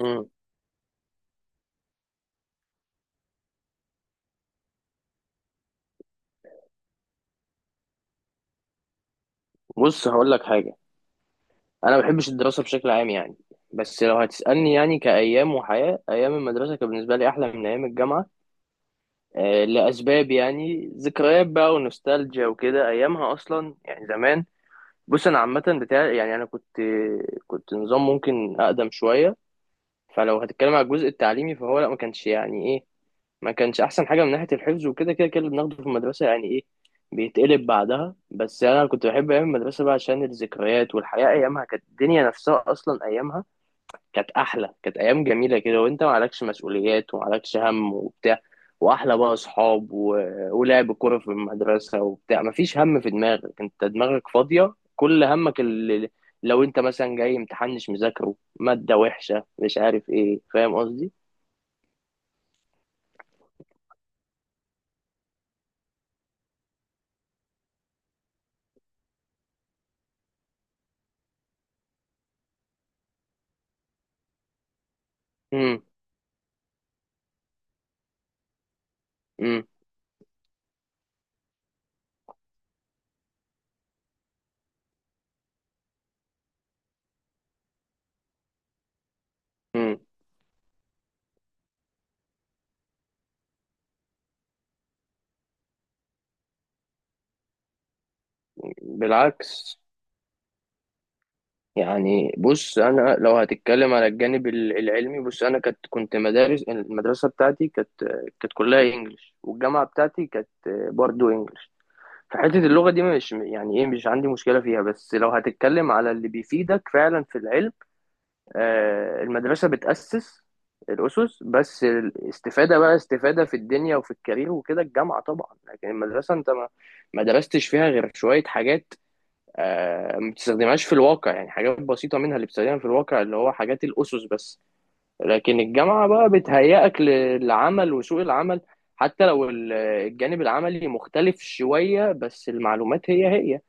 مم. بص، هقول لك حاجة. أنا ما بحبش الدراسة بشكل عام يعني. بس لو هتسألني يعني كأيام وحياة، أيام المدرسة كان بالنسبة لي أحلى من أيام الجامعة. آه، لأسباب يعني ذكريات بقى ونوستالجيا وكده، أيامها أصلا يعني زمان. بص، أنا عامة بتاع يعني، أنا كنت نظام ممكن أقدم شوية. فلو هتتكلم على الجزء التعليمي فهو لا، ما كانش يعني إيه، ما كانش احسن حاجه من ناحيه الحفظ. وكده كده اللي بناخده في المدرسه يعني ايه، بيتقلب بعدها. بس يعني انا كنت بحب ايام المدرسه بقى عشان الذكريات والحياه، ايامها كانت الدنيا نفسها اصلا. ايامها كانت احلى، كانت ايام جميله كده، وانت ما عليكش مسؤوليات وما عليكش هم وبتاع. واحلى بقى اصحاب و... ولعب كوره في المدرسه وبتاع، ما فيش هم في دماغك، انت دماغك فاضيه، كل همك اللي... لو انت مثلا جاي امتحان، مش مذاكره ماده وحشه مش عارف ايه، فاهم قصدي. امم بالعكس. يعني بص، انا لو هتتكلم على الجانب العلمي، بص انا كنت مدارس، المدرسه بتاعتي كانت، كانت كلها انجلش، والجامعه بتاعتي كانت برضو انجلش. فحته اللغه دي مش يعني ايه، مش عندي مشكله فيها. بس لو هتتكلم على اللي بيفيدك فعلا في العلم، آه، المدرسه بتاسس الاسس بس. الاستفاده بقى استفاده في الدنيا وفي الكارير وكده، الجامعه طبعا. لكن المدرسه، انت ما درستش فيها غير شويه حاجات. آه، ما بتستخدمهاش في الواقع، يعني حاجات بسيطة منها اللي بتستخدمها في الواقع، اللي هو حاجات الأسس بس. لكن الجامعة بقى بتهيئك للعمل وسوق العمل. حتى لو الجانب العملي مختلف شوية، بس المعلومات هي هي،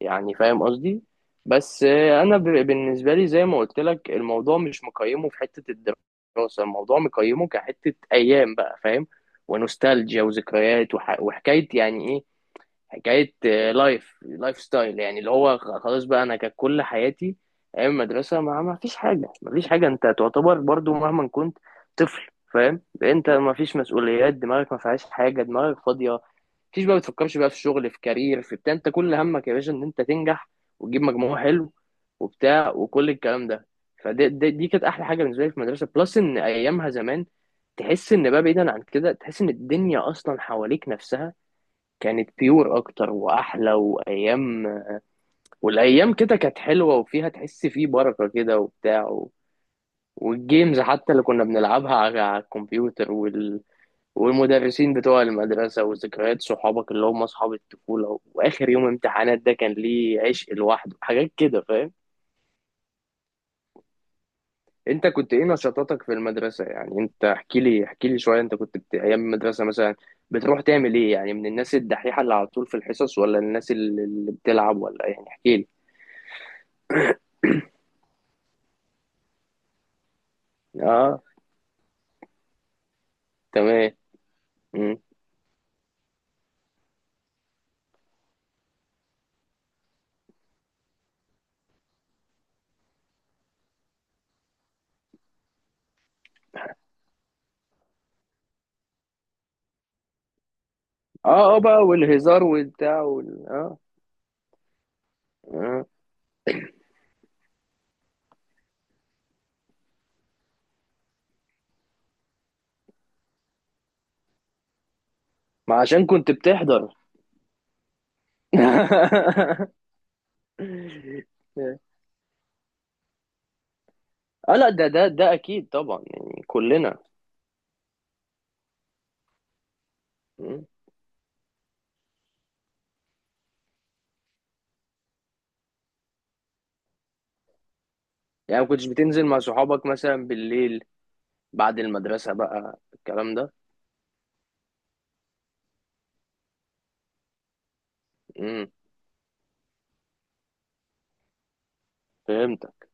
يعني فاهم قصدي. بس آه، أنا بالنسبة لي زي ما قلت لك، الموضوع مش مقيمه في حتة الدراسة، الموضوع مقيمه كحتة أيام بقى، فاهم، ونوستالجيا وذكريات، وحكاية يعني إيه، حكايه آه، لايف ستايل، يعني اللي هو خلاص بقى، انا كانت كل حياتي ايام المدرسه. ما فيش حاجه، ما فيش حاجه، انت تعتبر برضو مهما كنت طفل، فاهم، انت ما فيش مسؤوليات، دماغك ما فيهاش حاجه، دماغك فاضيه، ما فيش بقى بتفكرش بقى في شغل، في كارير، في بتاع. انت كل همك يا باشا ان انت تنجح وتجيب مجموع حلو وبتاع وكل الكلام ده. فدي دي, دي كانت احلى حاجه بالنسبه لي في المدرسه. بلس ان ايامها زمان تحس ان بقى، بعيدا عن كده، تحس ان الدنيا اصلا حواليك نفسها كانت بيور اكتر واحلى. وايام، والايام كده كانت حلوه وفيها، تحس فيه بركه كده وبتاع و... والجيمز حتى اللي كنا بنلعبها على الكمبيوتر وال... والمدرسين بتوع المدرسه، وذكريات صحابك اللي هم اصحاب الطفوله، واخر يوم امتحانات ده كان ليه عشق لوحده، حاجات كده فاهم. انت كنت ايه نشاطاتك في المدرسه؟ يعني انت احكي لي، احكي لي شويه، انت كنت ايام المدرسه مثلا بتروح تعمل ايه؟ يعني من الناس الدحيحه اللي على طول في الحصص، ولا الناس اللي بتلعب ولا؟ يعني احكي لي. اه، تمام. مم. اه، اه بقى، والهزار والبتاع وال... اه. اه، ما عشان كنت بتحضر. اه لا، ده اكيد طبعا، يعني كلنا. مم. يعني ما كنتش بتنزل مع صحابك مثلا بالليل، بعد المدرسة بقى الكلام ده؟ مم. فهمتك.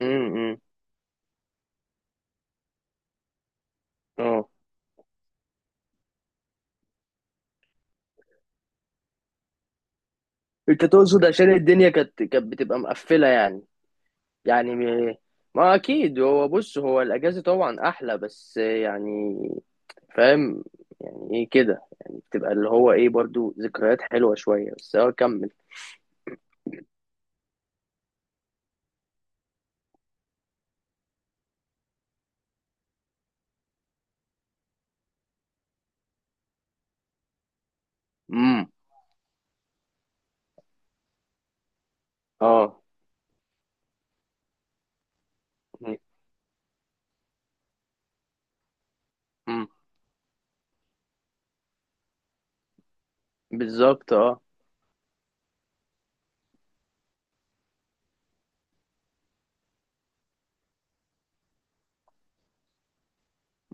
مم. مم. اه، انت تقصد عشان الدنيا كانت بتبقى مقفلة يعني؟ يعني ما اكيد هو، بص هو الاجازة طبعا احلى، بس يعني فاهم يعني ايه كده، يعني بتبقى اللي هو ايه، برضو ذكريات حلوة شوية بس. اه كمل. امم اه. امم بالظبط، اه.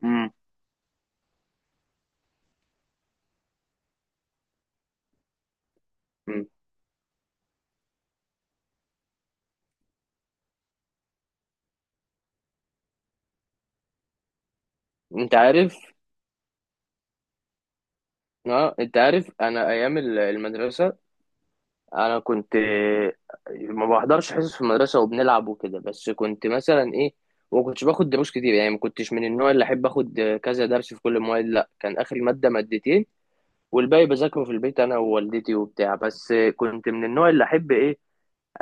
امم أمم. انت عارف، اه، انت عارف، انا ايام المدرسة، انا كنت ما بحضرش حصص في المدرسة، وبنلعب وكده، بس كنت مثلا ايه، وما كنتش باخد دروس كتير. يعني ما كنتش من النوع اللي احب اخد كذا درس في كل المواد، لا، كان اخر مادة مادتين، والباقي بذاكره في البيت انا ووالدتي وبتاع. بس كنت من النوع اللي احب ايه،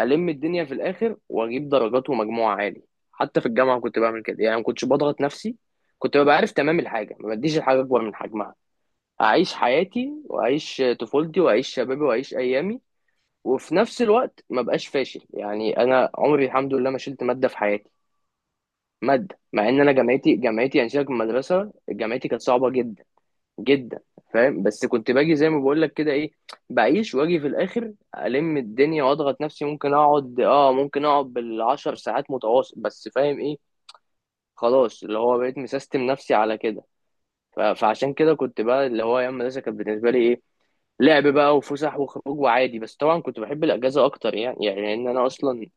الم الدنيا في الاخر واجيب درجات ومجموع عالي. حتى في الجامعه كنت بعمل كده، يعني ما كنتش بضغط نفسي. كنت ببقى عارف تمام الحاجه، ما بديش الحاجه اكبر من حجمها، اعيش حياتي واعيش طفولتي واعيش شبابي واعيش ايامي، وفي نفس الوقت ما بقاش فاشل. يعني انا عمري الحمد لله ما شلت ماده في حياتي، ماده، مع ان انا، جامعتي، جامعتي يعني سيبك من المدرسه، جامعتي كانت صعبه جدا جدا، فاهم. بس كنت باجي زي ما بقول لك كده، ايه، بعيش واجي في الاخر الم الدنيا واضغط نفسي. ممكن اقعد، ممكن اقعد بالعشر ساعات متواصل، بس فاهم ايه، خلاص، اللي هو بقيت مسيستم نفسي على كده. فعشان كده كنت بقى اللي هو، ايام المدرسه كانت بالنسبه لي ايه، لعب بقى وفسح وخروج وعادي. بس طبعا كنت بحب الاجازه اكتر، يعني يعني ان انا اصلا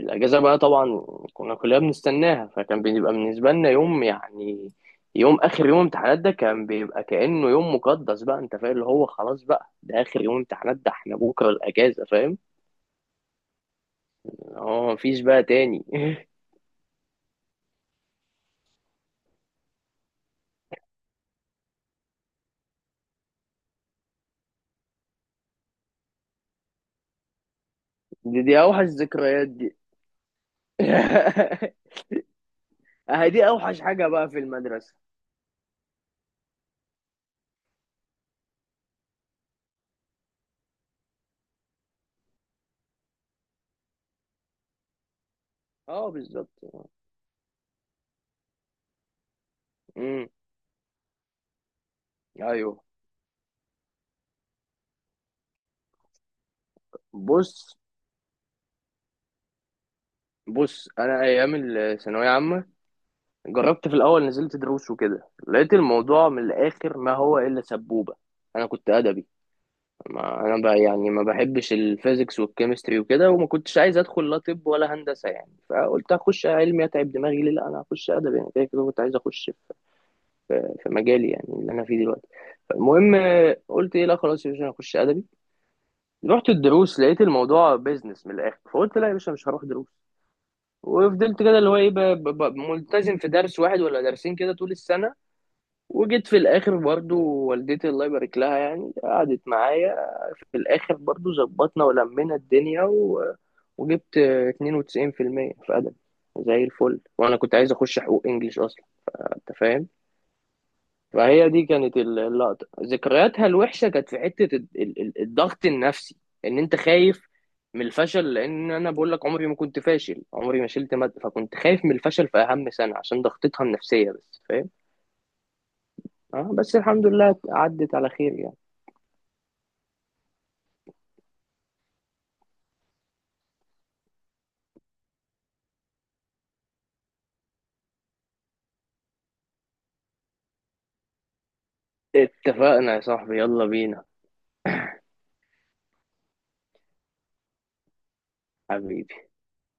الأجازة بقى طبعا كنا كلنا بنستناها. فكان بيبقى بالنسبة لنا يوم، يعني يوم، آخر يوم امتحانات ده كان بيبقى كأنه يوم مقدس بقى، أنت فاهم، اللي هو خلاص بقى، ده آخر يوم امتحانات، ده احنا بكرة الأجازة، فاهم، هو مفيش بقى تاني. دي أوحش ذكريات دي. أهي دي أوحش حاجة بقى في المدرسة. أه بالظبط. امم أيوه. بص بص أنا أيام الثانوية عامة، جربت في الاول، نزلت دروس وكده، لقيت الموضوع من الاخر ما هو الا سبوبه. انا كنت ادبي، ما انا بقى يعني ما بحبش الفيزيكس والكيمستري وكده، وما كنتش عايز ادخل لا طب ولا هندسه. يعني فقلت اخش علمي اتعب دماغي ليه؟ لا، انا هخش ادبي، انا كده كده كنت عايز اخش في مجالي يعني اللي انا فيه دلوقتي. المهم، قلت ايه، لا خلاص يا باشا، انا هخش ادبي. رحت الدروس، لقيت الموضوع بيزنس من الاخر، فقلت لا يا باشا، مش هروح دروس. وفضلت كده، اللي هو ايه، ملتزم في درس واحد ولا درسين كده طول السنه. وجيت في الاخر برضو، والدتي الله يبارك لها، يعني قعدت معايا في الاخر، برضو ظبطنا ولمينا الدنيا و... وجبت 92% في المية في ادب، زي الفل. وانا كنت عايز اخش حقوق انجليش اصلا، انت فاهم. فهي دي كانت اللقطه، ذكرياتها الوحشه كانت في حته الضغط النفسي، ان انت خايف من الفشل. لان انا بقول لك عمري ما كنت فاشل، عمري ما شلت ماده، فكنت خايف من الفشل في اهم سنه، عشان ضغطتها النفسيه بس، فاهم. اه، بس الحمد لله عدت على خير يعني. اتفقنا يا صاحبي، يلا بينا. حبيبي.